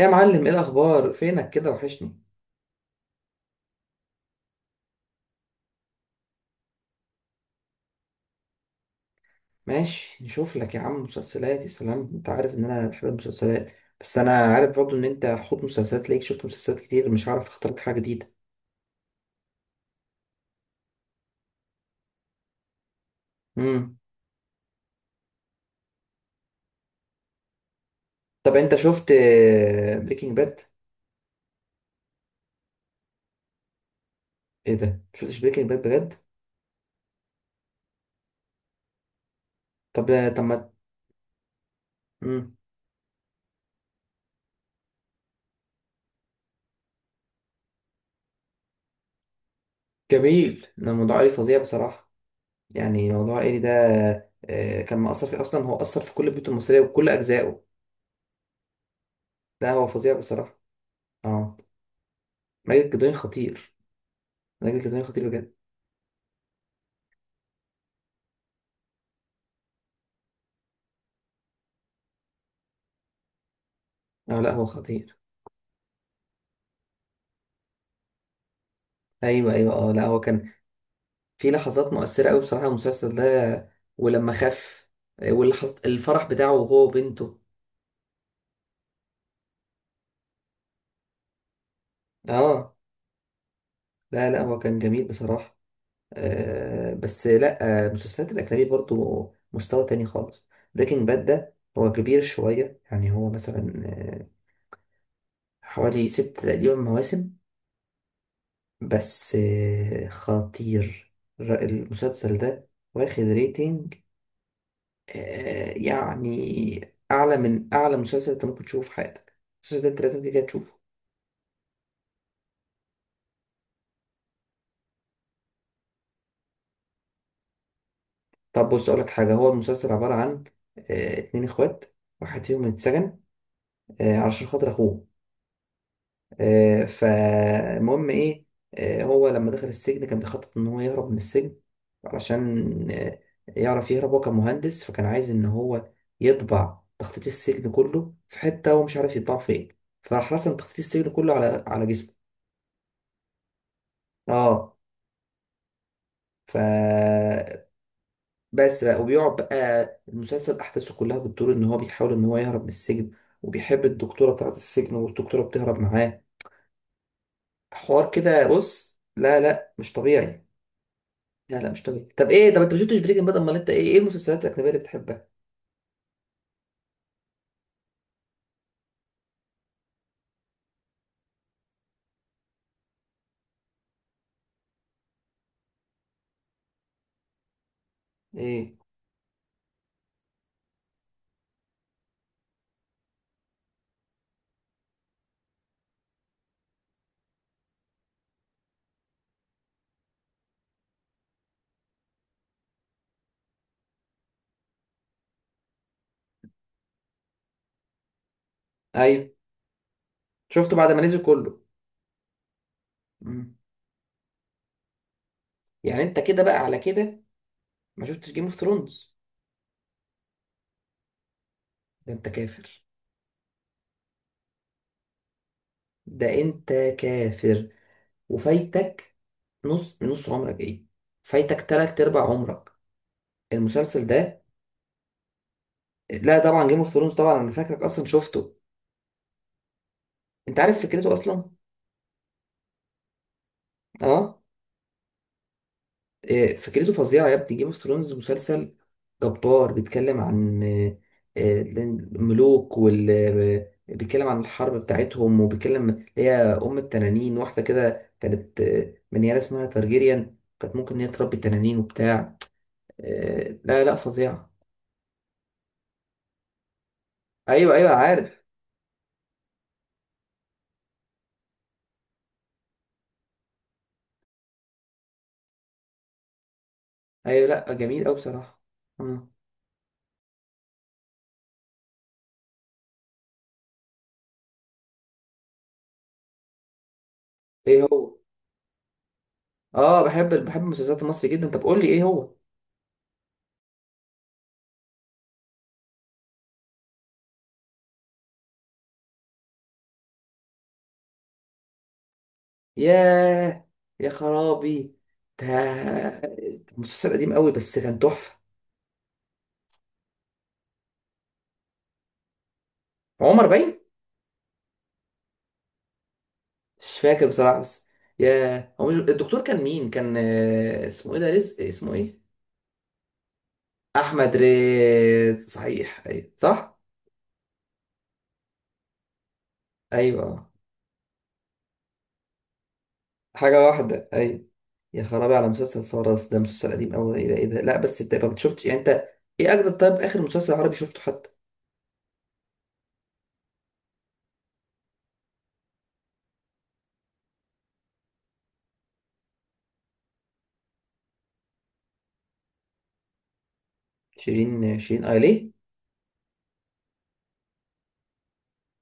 يا معلم ايه الاخبار؟ فينك كده، وحشني. ماشي، نشوف لك يا عم مسلسلات. يا سلام، انت عارف ان انا بحب المسلسلات، بس انا عارف برضه ان انت حوت مسلسلات، ليك شفت مسلسلات كتير، مش عارف اختار لك حاجه جديده. امم طب انت شفت بريكنج باد؟ ايه ده، شفتش بريكنج باد بجد؟ طب طب ما امم جميل، ده موضوع عائلي فظيع بصراحه. يعني موضوع عائلي ده، كان مأثر في، اصلا هو أثر في كل البيوت المصريه وكل اجزائه. ده هو فظيع بصراحه. اه. ماجد الكدواني خطير. ماجد الكدواني خطير بجد. اه لا هو خطير. ايوه ايوه، اه لا هو كان في لحظات مؤثره قوي بصراحه المسلسل ده. ولما خف واللحظات الفرح بتاعه وهو وبنته. اه. لا لا هو كان جميل بصراحه. آه بس لا آه، المسلسلات الاجنبيه برضو مستوى تاني خالص. بريكنج باد ده هو كبير شويه، يعني هو مثلا حوالي ست تقريبا مواسم. بس خطير. المسلسل ده واخد ريتنج يعني اعلى من اعلى مسلسل انت ممكن تشوفه في حياتك. المسلسل ده انت لازم كده كده تشوفه. طب بص اقولك حاجه، هو المسلسل عباره عن اتنين اخوات. واحد فيهم اتسجن علشان خاطر اخوه. فالمهم ايه، هو لما دخل السجن كان بيخطط ان هو يهرب من السجن. علشان يعرف يهرب، هو كان مهندس فكان عايز ان هو يطبع تخطيط السجن كله في حته، هو مش عارف يطبعه فين، فراح رسم تخطيط السجن كله على جسمه. اه. ف بس بقى، وبيقعد بقى المسلسل احداثه كلها بتدور ان هو بيحاول ان هو يهرب من السجن، وبيحب الدكتوره بتاعت السجن والدكتوره بتهرب معاه، حوار كده. بص لا لا مش طبيعي. لا لا مش طبيعي. طب ايه؟ طب انت ما شفتش بريكنج باد، امال انت ايه؟ ايه المسلسلات الاجنبيه اللي بتحبها؟ ايه؟ ايوه، شفته بعد ما نزل كله. مم. يعني انت كده بقى، على كده ما شفتش جيم اوف ثرونز؟ ده انت كافر. ده انت كافر وفايتك نص من نص عمرك، ايه، فايتك تلات ارباع عمرك المسلسل ده. لا طبعا جيم اوف ثرونز، طبعا انا فاكرك اصلا شفته. انت عارف فكرته اصلا؟ اه. فكرته فظيعه يا ابني. جيم اوف ثرونز مسلسل جبار، بيتكلم عن الملوك وال بيتكلم عن الحرب بتاعتهم، وبيتكلم هي ام التنانين، واحده كده كانت منيره، اسمها تارجيريان، كانت ممكن ان هي تربي تنانين وبتاع. لا لا فظيعه. ايوه ايوه عارف. ايوه، لا جميل قوي بصراحه. آه. ايه هو؟ اه بحب المسلسلات المصري جدا. طب قول لي، ايه هو؟ ياه، يا خرابي، ده ده مسلسل قديم قوي بس كان تحفة. عمر باين. مش فاكر بصراحة بس، ياه، هو مش الدكتور كان مين، كان اسمه ايه، ده رزق، اسمه ايه، احمد رزق، صحيح، ايوه صح. ايوه، حاجة واحدة، ايوه. يا خرابي على مسلسل ثورة، بس ده مسلسل قديم قوي. ايه ده، ايه ده، لا بس انت ما شفتش يعني انت، ايه اجدد؟ طيب اخر مسلسل عربي شفته حتى؟ شيرين، شيرين، اه ليه؟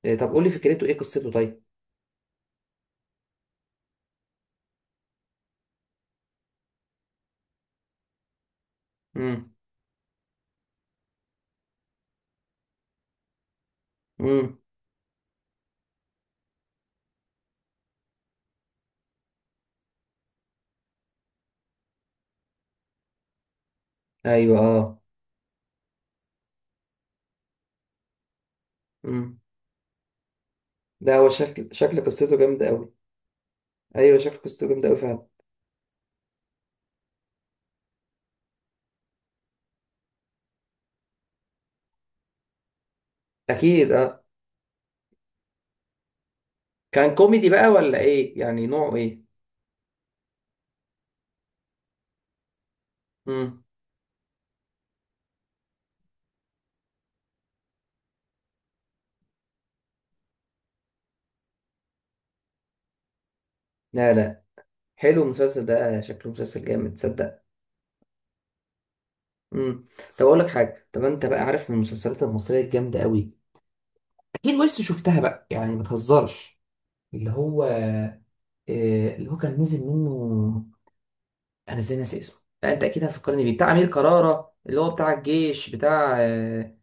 طب قول لي فكرته، ايه قصته طيب؟ امم. امم. ايوه، اه. مم. لا هو شكل، شكل قصته جامدة أوي. أيوه شكل قصته جامدة أوي فعلا. أكيد أه. كان كوميدي بقى ولا إيه؟ يعني نوعه إيه؟ مم. لا لا، حلو المسلسل ده، شكله مسلسل جامد، تصدق؟ مم. طب أقول لك حاجة، طب أنت بقى عارف من المسلسلات المصرية الجامدة أوي، أكيد وش شفتها بقى يعني ما تهزرش، اللي هو اللي هو كان نزل منه، أنا إزاي ناسي اسمه؟ لا أنت أكيد هتفكرني بيه، بتاع أمير كرارة، اللي هو بتاع الجيش، بتاع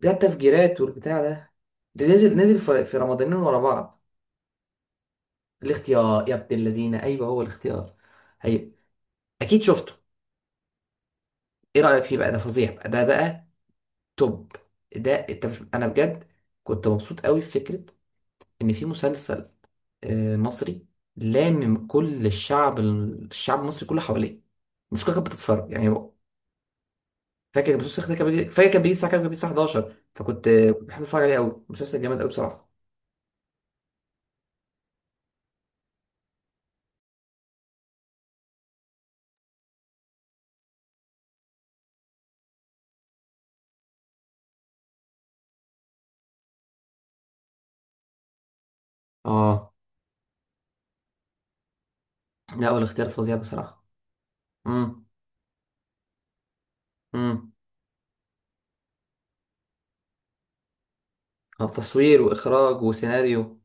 ده التفجيرات والبتاع ده، ده نزل في رمضانين ورا بعض. الاختيار، يا ابن اللذينه، ايوه هو الاختيار. ايوه اكيد شفته. ايه رايك فيه بقى؟ ده فظيع بقى، ده بقى توب. ده انت مش انا بجد كنت مبسوط قوي في فكره ان في مسلسل مصري، لامم كل الشعب، الشعب المصري كله حواليه، الناس كلها كانت بتتفرج. يعني هو فاكر كان المسلسل ده كان فاكر كان بيجي الساعه كام؟ كان بيجي الساعه 11، فكنت كنت بحب اتفرج عليه قوي، مسلسل جامد قوي بصراحه. اه. لا هو الاختيار فظيع بصراحه. امم. امم. تصوير واخراج وسيناريو.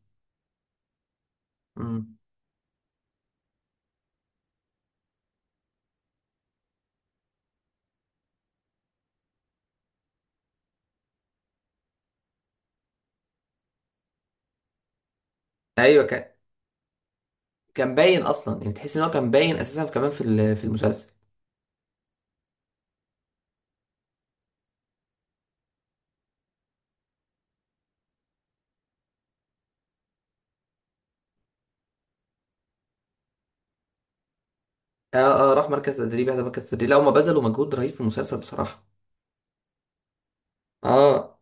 امم. ايوه كان. كان باين اصلا، يعني تحس ان هو كان باين اساسا كمان في في المسلسل. اه اه، راح مركز تدريب، هذا مركز تدريب. لا هما بذلوا مجهود رهيب في المسلسل بصراحه. اه.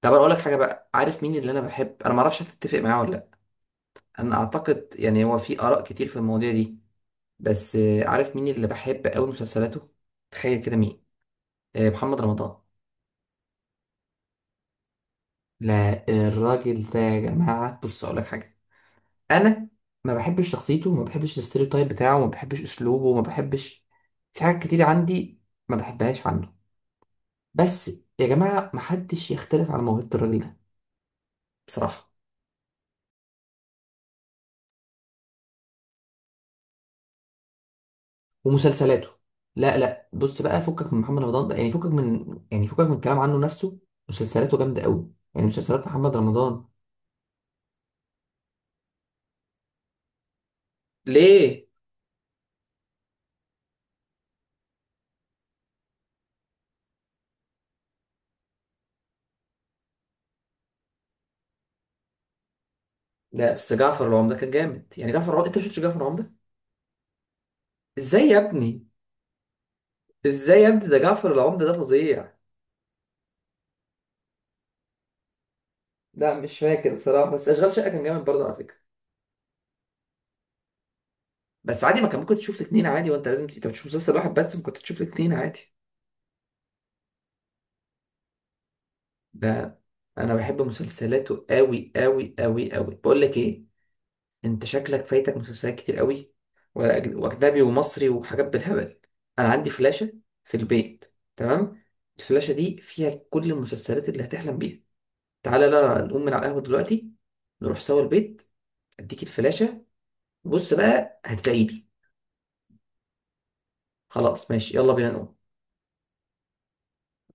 طب انا اقول لك حاجه بقى، عارف مين اللي انا بحب؟ انا ما اعرفش هتتفق معاه ولا لا، انا اعتقد، يعني هو في اراء كتير في المواضيع دي، بس عارف مين اللي بحب قوي مسلسلاته؟ تخيل كده مين؟ آه محمد رمضان. لا، الراجل ده يا جماعه، بص اقول لك حاجه، انا ما بحبش شخصيته، ما بحبش الستيreotype بتاعه، ما بحبش اسلوبه، ما بحبش، في حاجات كتير عندي ما بحبهاش عنه، بس يا جماعه ما حدش يختلف على موهبه الراجل ده بصراحه. ومسلسلاته، لا لا بص بقى، فكك من محمد رمضان ده يعني، فكك من، يعني فكك من الكلام عنه نفسه، مسلسلاته جامده قوي، يعني مسلسلات محمد رمضان. ليه؟ لا بس جعفر العمده كان جامد، يعني جعفر العمده انت مش شفتش جعفر العمده؟ ازاي يا ابني، ازاي يا ابني، ده جعفر العمده ده فظيع. لا مش فاكر بصراحه بس اشغال شقه كان جامد برضه على فكره. بس عادي، ما كان ممكن تشوف الاثنين عادي، وانت لازم انت مش مسلسل واحد بس، ممكن تشوف الاثنين عادي. ده انا بحب مسلسلاته قوي قوي قوي قوي. بقول لك ايه، انت شكلك فايتك مسلسلات كتير قوي، واجنبي ومصري وحاجات بالهبل. انا عندي فلاشه في البيت، تمام؟ الفلاشه دي فيها كل المسلسلات اللي هتحلم بيها. تعالى لا نقوم من على القهوه دلوقتي، نروح سوا البيت، اديك الفلاشه، بص بقى هتدعيلي. خلاص ماشي، يلا بينا نقوم.